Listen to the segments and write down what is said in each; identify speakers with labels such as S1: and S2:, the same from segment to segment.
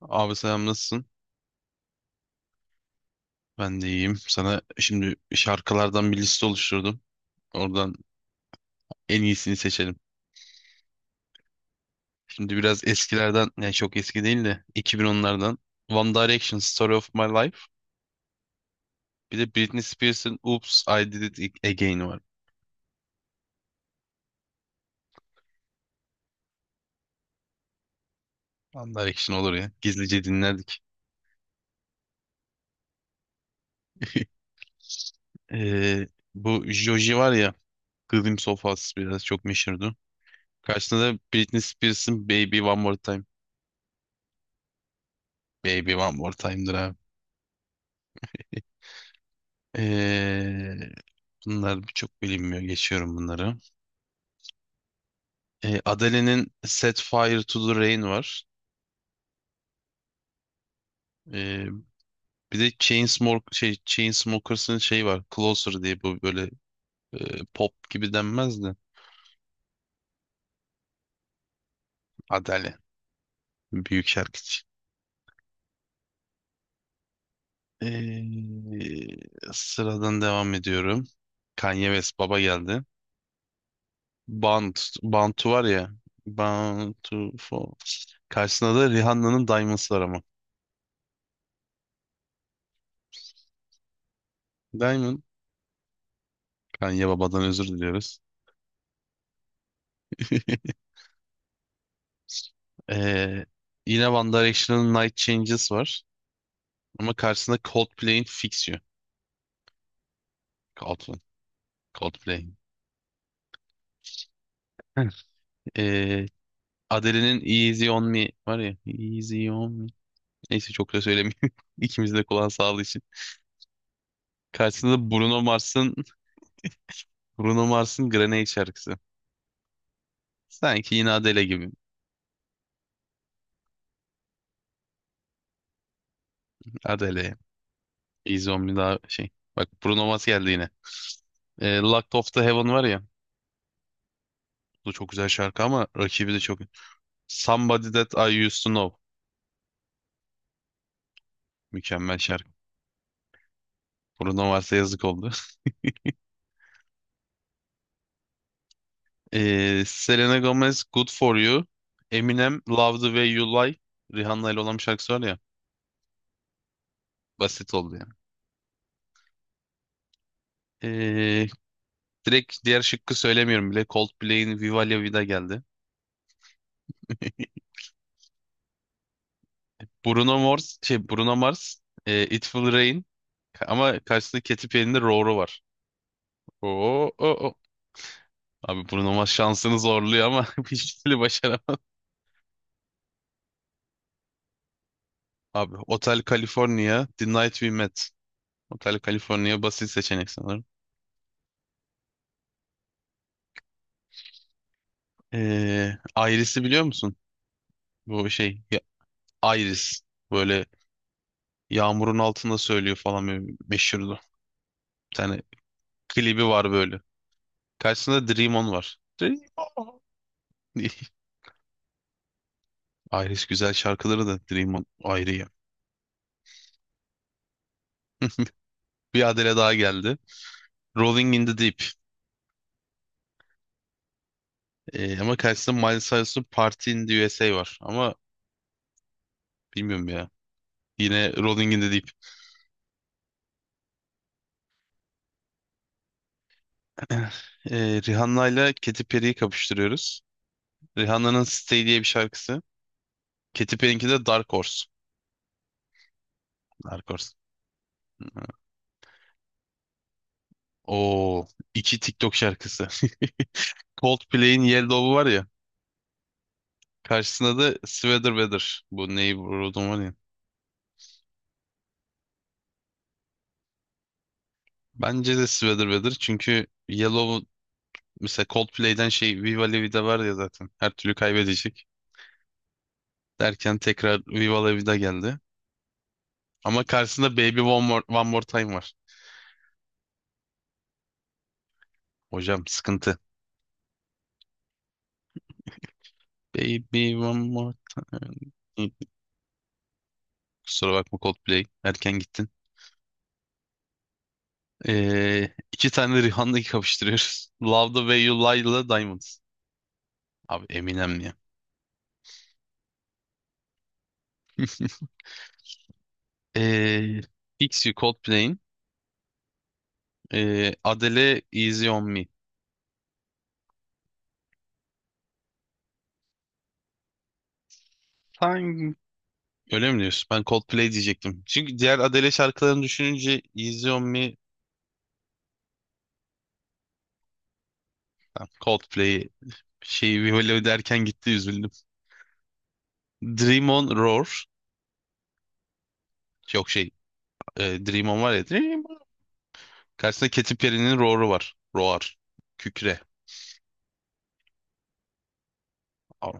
S1: Abi selam nasılsın? Ben de iyiyim. Sana şimdi şarkılardan bir liste oluşturdum. Oradan en iyisini seçelim. Şimdi biraz eskilerden, yani çok eski değil de 2010'lardan. One Direction, Story of My Life. Bir de Britney Spears'ın Oops, I Did It Again var. One Direction olur ya. Gizlice dinlerdik. Ee, bu Joji var ya, Glimpse of Us biraz çok meşhurdu. Karşısında da Britney Spears'ın Baby One More Time. Baby One More Time'dır abi. Ee, Bunlar birçok bilinmiyor. Geçiyorum bunları. Adele'nin Set Fire to the Rain var. E, bir de Chainsmokers'ın şey var. Closer diye bu böyle pop gibi denmez de. Adele. Büyük şarkıcı. E, sıradan devam ediyorum. Kanye West baba geldi. Band, Bantu var ya. Bantu for. Karşısında da Rihanna'nın Diamonds var ama. Diamond. Kanye babadan özür diliyoruz. Ee, yine One Direction'ın Night Changes var. Ama karşısında Coldplay'in Fix You. Coldplay. Coldplay. Heh. Ee, Adele'nin Easy On Me var ya. Easy On Me. Neyse çok da söylemeyeyim. İkimiz de kulağı sağlığı için. Karşısında Bruno Mars'ın Grenade şarkısı. Sanki yine Adele gibi. Adele. Easy On Me daha şey. Bak Bruno Mars geldi yine. Locked Off The Heaven var ya. Bu da çok güzel şarkı ama rakibi de çok. Somebody That I Used To Know. Mükemmel şarkı. Bruno varsa yazık oldu. Selena Gomez Good For You. Eminem Love The Way You Lie. Rihanna ile olan bir şarkısı var ya. Basit oldu yani. Ee, direkt diğer şıkkı söylemiyorum bile. Coldplay'in Viva La Vida geldi. Bruno Mars, şey Bruno Mars, It Will Rain ama karşısında Katy Perry'nin de Roar'u var. Oo, oo, oo. Abi Bruno Mars şansını zorluyor ama hiçbir türlü başaramaz. Abi Hotel California, The Night We Met. Hotel California basit seçenek sanırım. Iris'i biliyor musun? Bu şey ya- Iris böyle yağmurun altında söylüyor falan böyle meşhurdu. Bir tane klibi var böyle. Karşısında Dream On var. Dream On. Iris güzel şarkıları da Dream On ayrı ya. Bir Adele daha geldi. Rolling in the Deep. Ama karşısında Miley Cyrus'un Party in the USA var. Ama bilmiyorum ya. Yine Rolling in the Deep. Rihanna ile Katy Perry'yi kapıştırıyoruz. Rihanna'nın Stay diye bir şarkısı. Katy Perry'inki de Dark Horse. Dark Horse. Oo, iki TikTok şarkısı. Coldplay'in Yellow'u var ya. Karşısında da Sweater Weather. Bu Neighborhood'un var ya. Bence de Sweater Weather çünkü Yellow mesela Coldplay'den Viva La Vida var ya zaten. Her türlü kaybedecek. Derken tekrar Viva La Vida geldi. Ama karşısında Baby One More, One More Time var. Hocam sıkıntı. Baby One More Time. Kusura bakma Coldplay. Erken gittin. İki tane Rihanna'yı kapıştırıyoruz. Love the Way You Lie ile Diamond. Abi Eminem ya. Ee, Fix You Coldplay'in Adele Easy On Me. Sen öyle mi diyorsun? Ben Coldplay diyecektim. Çünkü diğer Adele şarkılarını düşününce Easy On Me, ben Coldplay şeyi Viva La derken gitti üzüldüm. Dream On Roar. Yok, Dream On var ya. Dream On. Karşısında Katy Perry'nin Roar'u var. Roar. Kükre. Aa,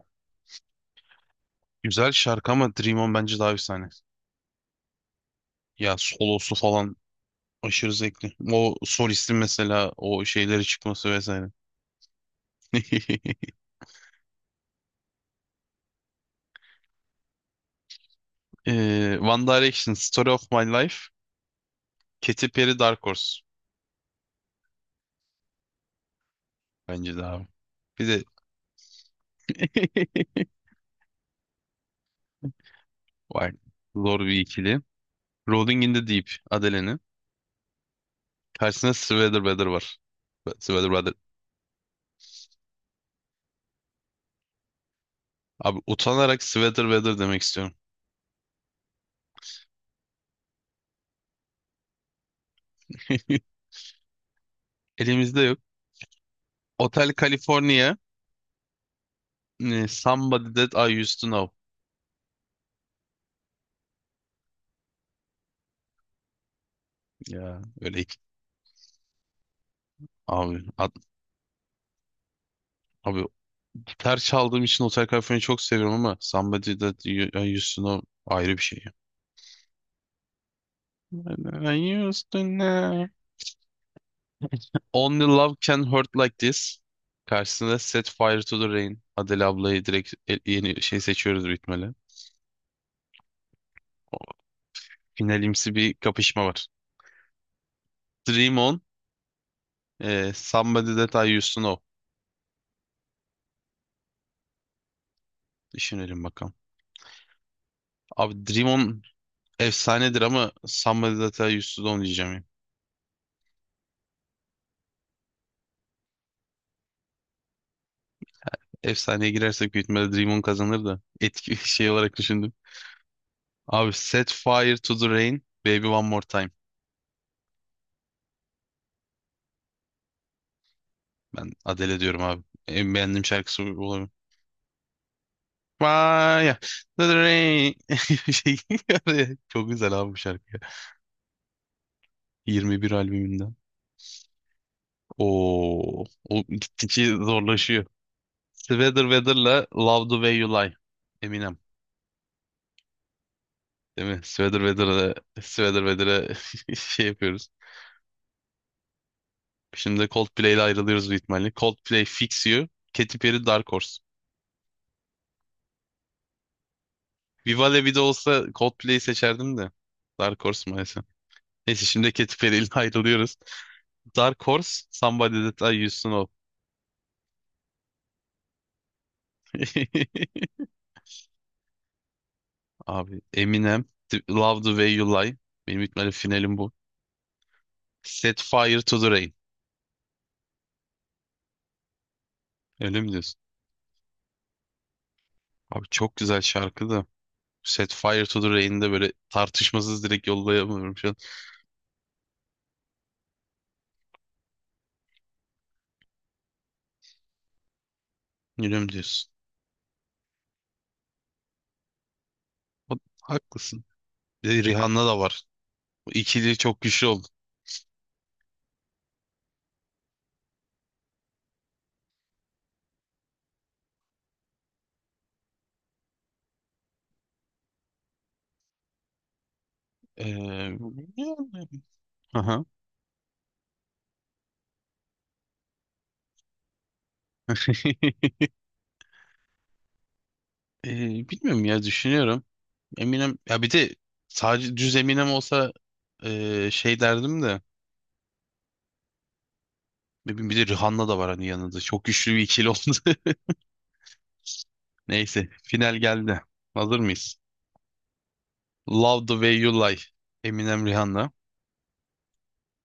S1: güzel şarkı ama Dream On bence daha efsane. Ya solosu falan aşırı zevkli. O solistin mesela o şeyleri çıkması vesaire. One Direction, Story of My Life, Katy Perry, Dark Horse. Bence de abi. Bir de var. Zor bir ikili. Rolling in the Deep, Adele'nin. Karşısında Sweater Weather var. Sweater Weather. Abi utanarak Sweater Weather demek istiyorum. Elimizde yok. Hotel California, Somebody That I Used to Know. Ya öyle iki. Abi, abi gitar çaldığım için Hotel California'yı çok seviyorum ama Somebody That You I Used To Know ayrı bir şey. I used to know. Only Love Can Hurt Like This. Karşısında Set Fire to the Rain. Adele ablayı direkt yeni şey seçiyoruz bitmeli. O finalimsi bir kapışma var. Dream On, Somebody That I Used To Know. Düşünelim bakalım. Abi Dream On efsanedir ama Somebody That I Used To Know diyeceğim ya. Efsaneye girersek büyük ihtimalle Dream On kazanır da etki şey olarak düşündüm. Abi Set Fire to the Rain, Baby One More Time. Ben Adele diyorum abi. En beğendiğim şarkısı bu olabilir. Fire to the rain. Şey, çok güzel abi bu şarkı. 21 albümünden. Oo, o gittikçe zorlaşıyor. Sweater Weather'la Love the Way You Lie. Eminem. Değil mi? Sweater Weather'la Sweater Weather'a şey yapıyoruz. Şimdi de Coldplay ile ayrılıyoruz büyük ihtimalle. Coldplay Fix You, Katy Perry Dark Horse. Viva La Vida olsa Coldplay'i seçerdim de. Dark Horse maalesef. Neyse şimdi Katy Perry'yle ayrılıyoruz. Dark Horse, Somebody That I Used to Know. Abi Eminem, Love the Way You Lie. Benim ihtimalle finalim bu. Set Fire to the Rain. Öyle mi diyorsun? Abi çok güzel şarkı da. Set Fire to the Rain'de böyle tartışmasız direkt yollayamıyorum şu an. Öyle mi diyorsun? O- haklısın. Bir de Rihanna da var. Bu ikili çok güçlü oldu. Ee, Aha. Bilmiyorum ya düşünüyorum. Eminem ya bir de sadece düz Eminem olsa şey derdim de ne bir de Rihanna da var hani yanında. Çok güçlü bir ikili oldu. Neyse final geldi. Hazır mıyız? Love the Way You Lie. Eminem Rihanna.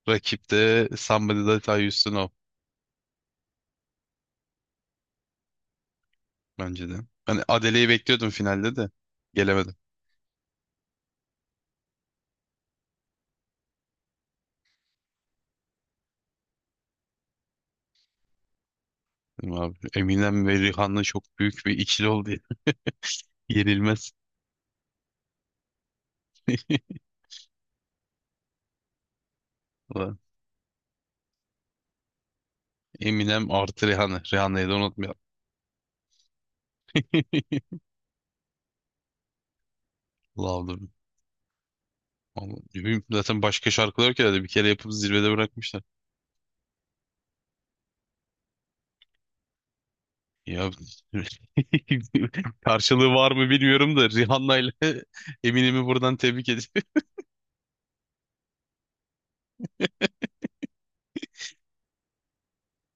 S1: Rakip de Somebody That I Used to Know bence de. Ben Adele'yi bekliyordum finalde de gelemedim. Dedim Abi, Eminem ve Rihanna çok büyük bir ikili oldu ya. Yenilmez. Ulan, Eminem artı Rihanna. Rihanna'yı da unutmayalım. Lavdır. Ama ne bileyim, zaten başka şarkılar ki herhalde bir kere yapıp zirvede bırakmışlar. Ya karşılığı var mı bilmiyorum da Rihanna ile Eminem'i buradan tebrik ediyorum.